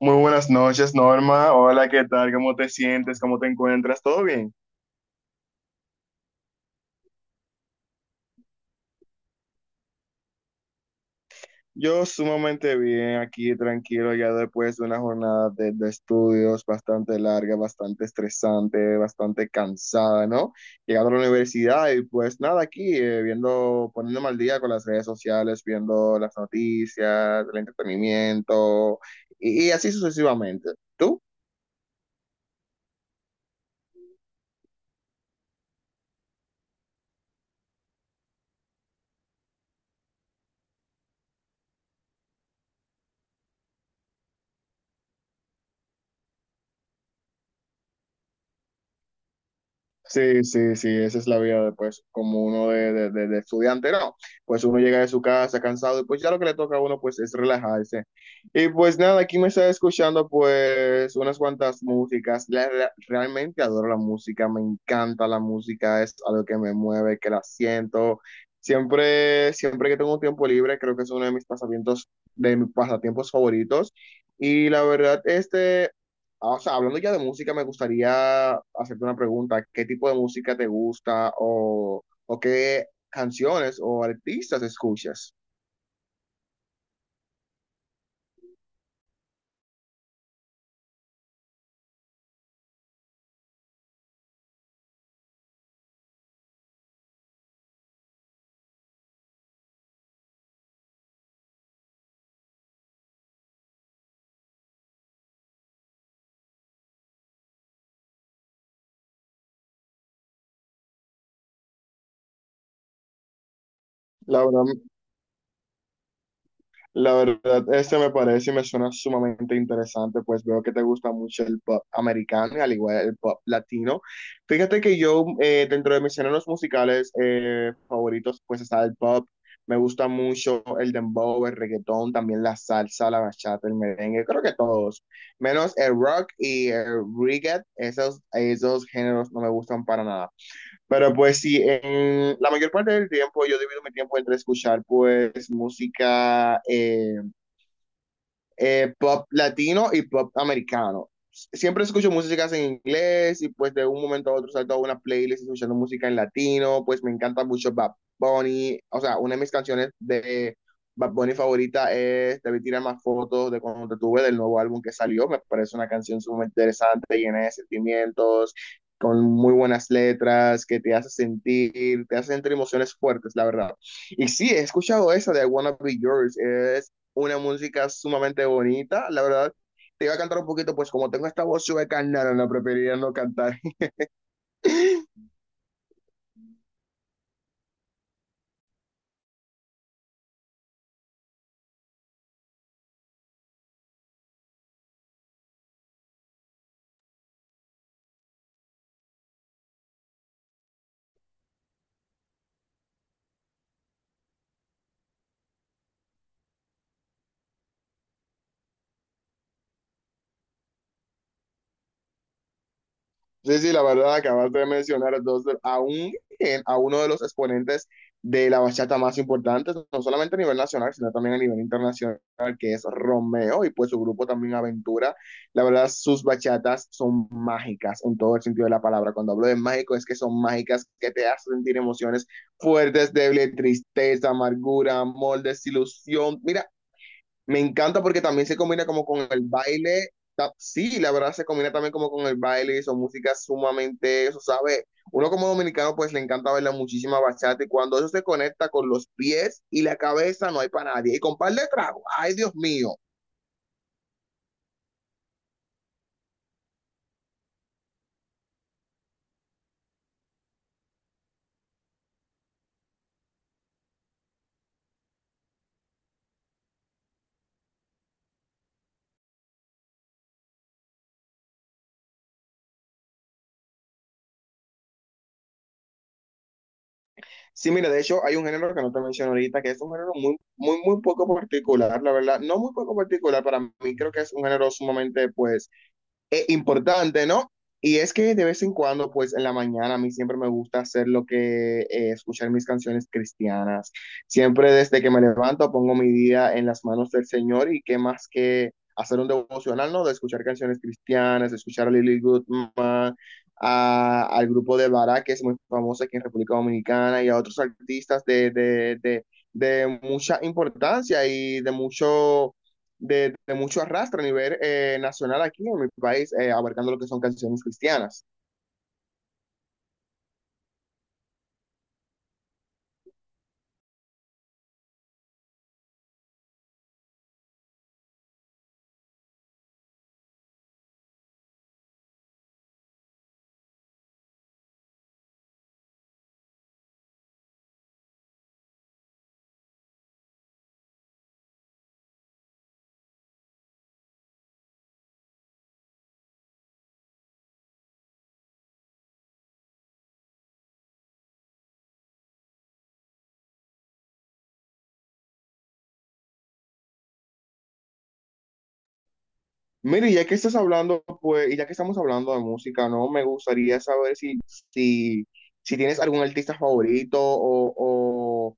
Muy buenas noches, Norma. Hola, ¿qué tal? ¿Cómo te sientes? ¿Cómo te encuentras? ¿Todo bien? Yo sumamente bien, aquí tranquilo, ya después de una jornada de estudios bastante larga, bastante estresante, bastante cansada, ¿no? Llegando a la universidad y pues nada, aquí viendo, poniéndome al día con las redes sociales, viendo las noticias, el entretenimiento y así sucesivamente. ¿Tú? Sí, sí, sí, esa es la vida de, pues, como uno de estudiante, no, pues uno llega de su casa cansado y pues ya lo que le toca a uno pues es relajarse. Y pues nada, aquí me está escuchando pues unas cuantas músicas, realmente adoro la música, me encanta la música, es algo que me mueve, que la siento. Siempre, siempre que tengo tiempo libre, creo que es uno de mis pasatiempos favoritos. Y la verdad, O sea, hablando ya de música, me gustaría hacerte una pregunta. ¿Qué tipo de música te gusta o qué canciones o artistas escuchas? La verdad, La verdad, este me parece y me suena sumamente interesante, pues veo que te gusta mucho el pop americano, y al igual el pop latino. Fíjate que yo, dentro de mis géneros musicales favoritos, pues está el pop, me gusta mucho el dembow, el reggaetón, también la salsa, la bachata, el merengue, creo que todos, menos el rock y el reggae, esos, esos géneros no me gustan para nada. Pero pues sí, en la mayor parte del tiempo yo divido mi tiempo entre escuchar pues música, pop latino y pop americano. Siempre escucho músicas en inglés y pues de un momento a otro salto a una playlist escuchando música en latino, pues me encanta mucho Bad Bunny, o sea, una de mis canciones de Bad Bunny favorita es Debí Tirar Más Fotos de cuando te tuve del nuevo álbum que salió, me parece una canción sumamente interesante, llena de sentimientos, con muy buenas letras, que te hace sentir emociones fuertes, la verdad. Y sí, he escuchado esa de I Wanna Be Yours, es una música sumamente bonita, la verdad. Te iba a cantar un poquito, pues como tengo esta voz sueca, no, no, no, preferiría no cantar. Sí, sí, la verdad, acabaste de mencionar entonces, a uno de los exponentes de la bachata más importantes, no solamente a nivel nacional, sino también a nivel internacional, que es Romeo y pues su grupo también Aventura. La verdad, sus bachatas son mágicas en todo el sentido de la palabra. Cuando hablo de mágico, es que son mágicas que te hacen sentir emociones fuertes, débiles, tristeza, amargura, amor, desilusión. Mira, me encanta porque también se combina como con el baile. Sí, la verdad se combina también como con el baile y son músicas sumamente, eso sabe, uno como dominicano pues le encanta bailar muchísima bachata y cuando eso se conecta con los pies y la cabeza no hay para nadie. Y con par de tragos, ay Dios mío. Sí, mira, de hecho hay un género que no te menciono ahorita, que es un género muy, muy, muy poco particular, la verdad, no muy poco particular para mí, creo que es un género sumamente pues importante, ¿no? Y es que de vez en cuando, pues en la mañana, a mí siempre me gusta hacer lo que, escuchar mis canciones cristianas. Siempre desde que me levanto pongo mi día en las manos del Señor y qué más que hacer un devocional, ¿no? De escuchar canciones cristianas, de escuchar a Lily Goodman, al grupo de Bará, que es muy famoso aquí en República Dominicana, y a otros artistas de mucha importancia y de mucho arrastre a nivel nacional aquí en mi país, abarcando lo que son canciones cristianas. Mire, ya que estás hablando, pues, y ya que estamos hablando de música, ¿no? Me gustaría saber si, si tienes algún artista favorito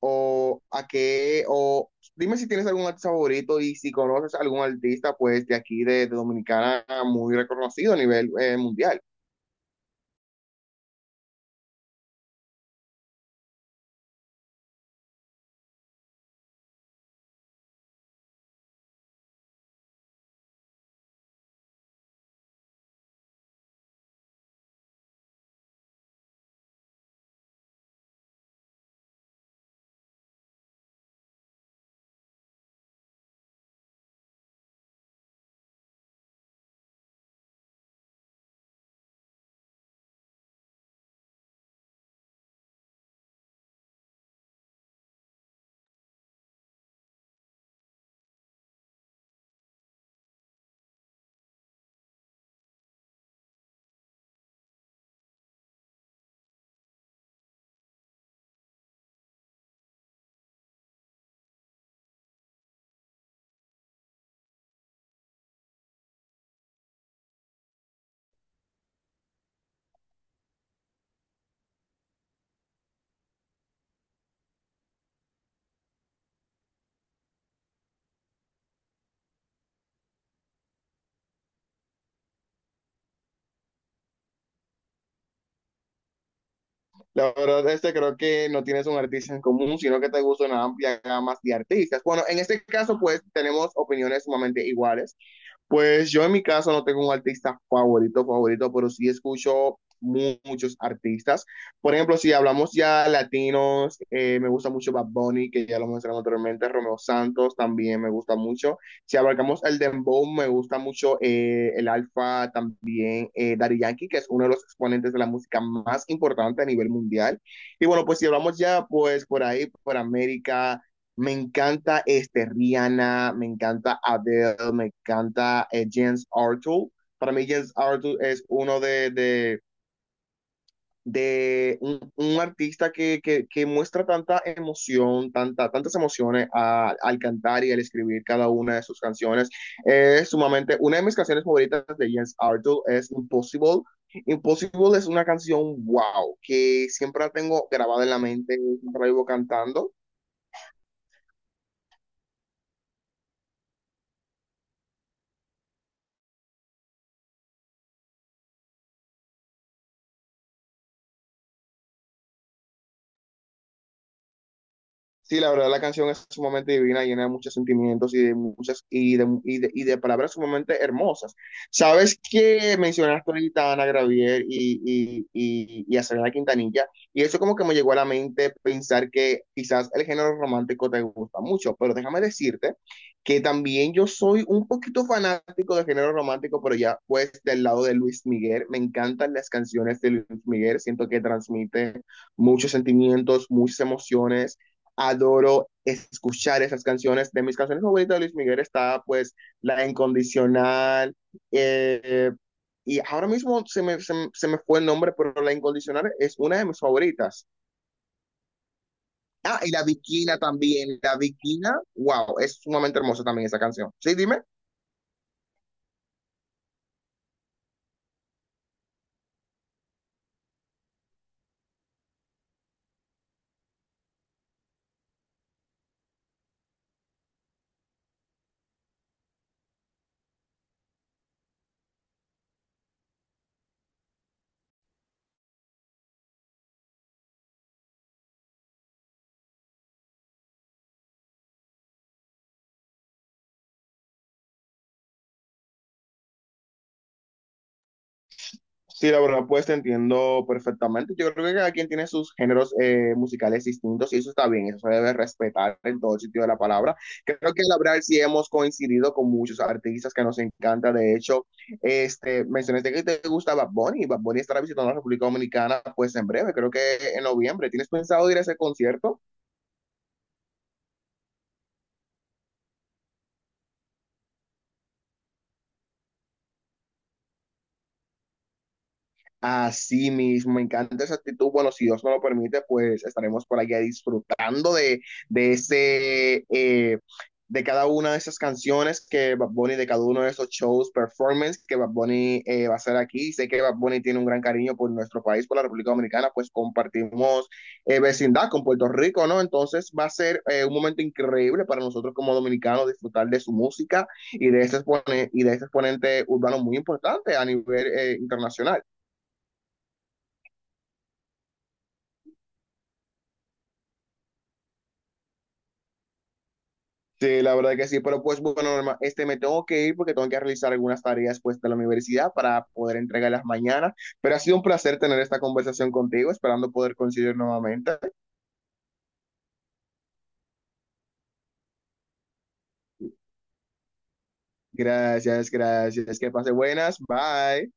o a qué, o dime si tienes algún artista favorito y si conoces algún artista, pues, de aquí, de Dominicana, muy reconocido a nivel mundial. La verdad, este creo que no tienes un artista en común, sino que te gusta una amplia gama de artistas. Bueno, en este caso, pues tenemos opiniones sumamente iguales. Pues yo en mi caso no tengo un artista favorito, favorito, pero sí escucho muchos artistas. Por ejemplo, si hablamos ya latinos, me gusta mucho Bad Bunny, que ya lo mencionamos anteriormente, Romeo Santos también me gusta mucho. Si abarcamos el dembow, me gusta mucho el Alfa, también Daddy Yankee, que es uno de los exponentes de la música más importante a nivel mundial. Y bueno, pues si hablamos ya, pues por ahí, por América. Me encanta este Rihanna, me encanta Adele, me encanta James Arthur. Para mí James Arthur es uno de un artista que muestra tanta emoción, tanta, tantas emociones al cantar y al escribir cada una de sus canciones. Es sumamente, una de mis canciones favoritas de James Arthur es Impossible. Impossible es una canción wow, que siempre la tengo grabada en la mente, siempre la vivo cantando. Sí, la verdad la canción es sumamente divina, llena de muchos sentimientos y de muchas y de palabras sumamente hermosas. Sabes que mencionaste ahorita a Ana Gravier y a Selena Quintanilla, y eso como que me llegó a la mente pensar que quizás el género romántico te gusta mucho, pero déjame decirte que también yo soy un poquito fanático del género romántico, pero ya pues del lado de Luis Miguel, me encantan las canciones de Luis Miguel, siento que transmite muchos sentimientos, muchas emociones, adoro escuchar esas canciones. De mis canciones favoritas de Luis Miguel está pues La Incondicional. eh, y ahora mismo se me fue el nombre, pero La Incondicional es una de mis favoritas. Ah, y La Bikina también. La Bikina, wow, es sumamente hermosa también esa canción. Sí, dime. Sí, la verdad, pues te entiendo perfectamente. Yo creo que cada quien tiene sus géneros musicales distintos y eso está bien, eso se debe respetar en todo sentido de la palabra. Creo que la verdad sí hemos coincidido con muchos artistas que nos encanta. De hecho, este, mencionaste que te gusta Bad Bunny. Bad Bunny estará visitando la República Dominicana pues en breve, creo que en noviembre. ¿Tienes pensado ir a ese concierto? Así mismo, me encanta esa actitud. Bueno, si Dios nos lo permite, pues estaremos por allá disfrutando de ese, de cada una de esas canciones que Bad Bunny, de cada uno de esos shows, performance que Bad Bunny va a hacer aquí. Sé que Bad Bunny tiene un gran cariño por nuestro país, por la República Dominicana, pues compartimos vecindad con Puerto Rico, ¿no? Entonces va a ser un momento increíble para nosotros como dominicanos disfrutar de su música y de ese exponente, y de ese exponente urbano muy importante a nivel internacional. Sí, la verdad que sí, pero pues bueno, Norma, este me tengo que ir porque tengo que realizar algunas tareas pues de la universidad para poder entregarlas mañana, pero ha sido un placer tener esta conversación contigo, esperando poder coincidir nuevamente. Gracias, gracias, que pase buenas, bye.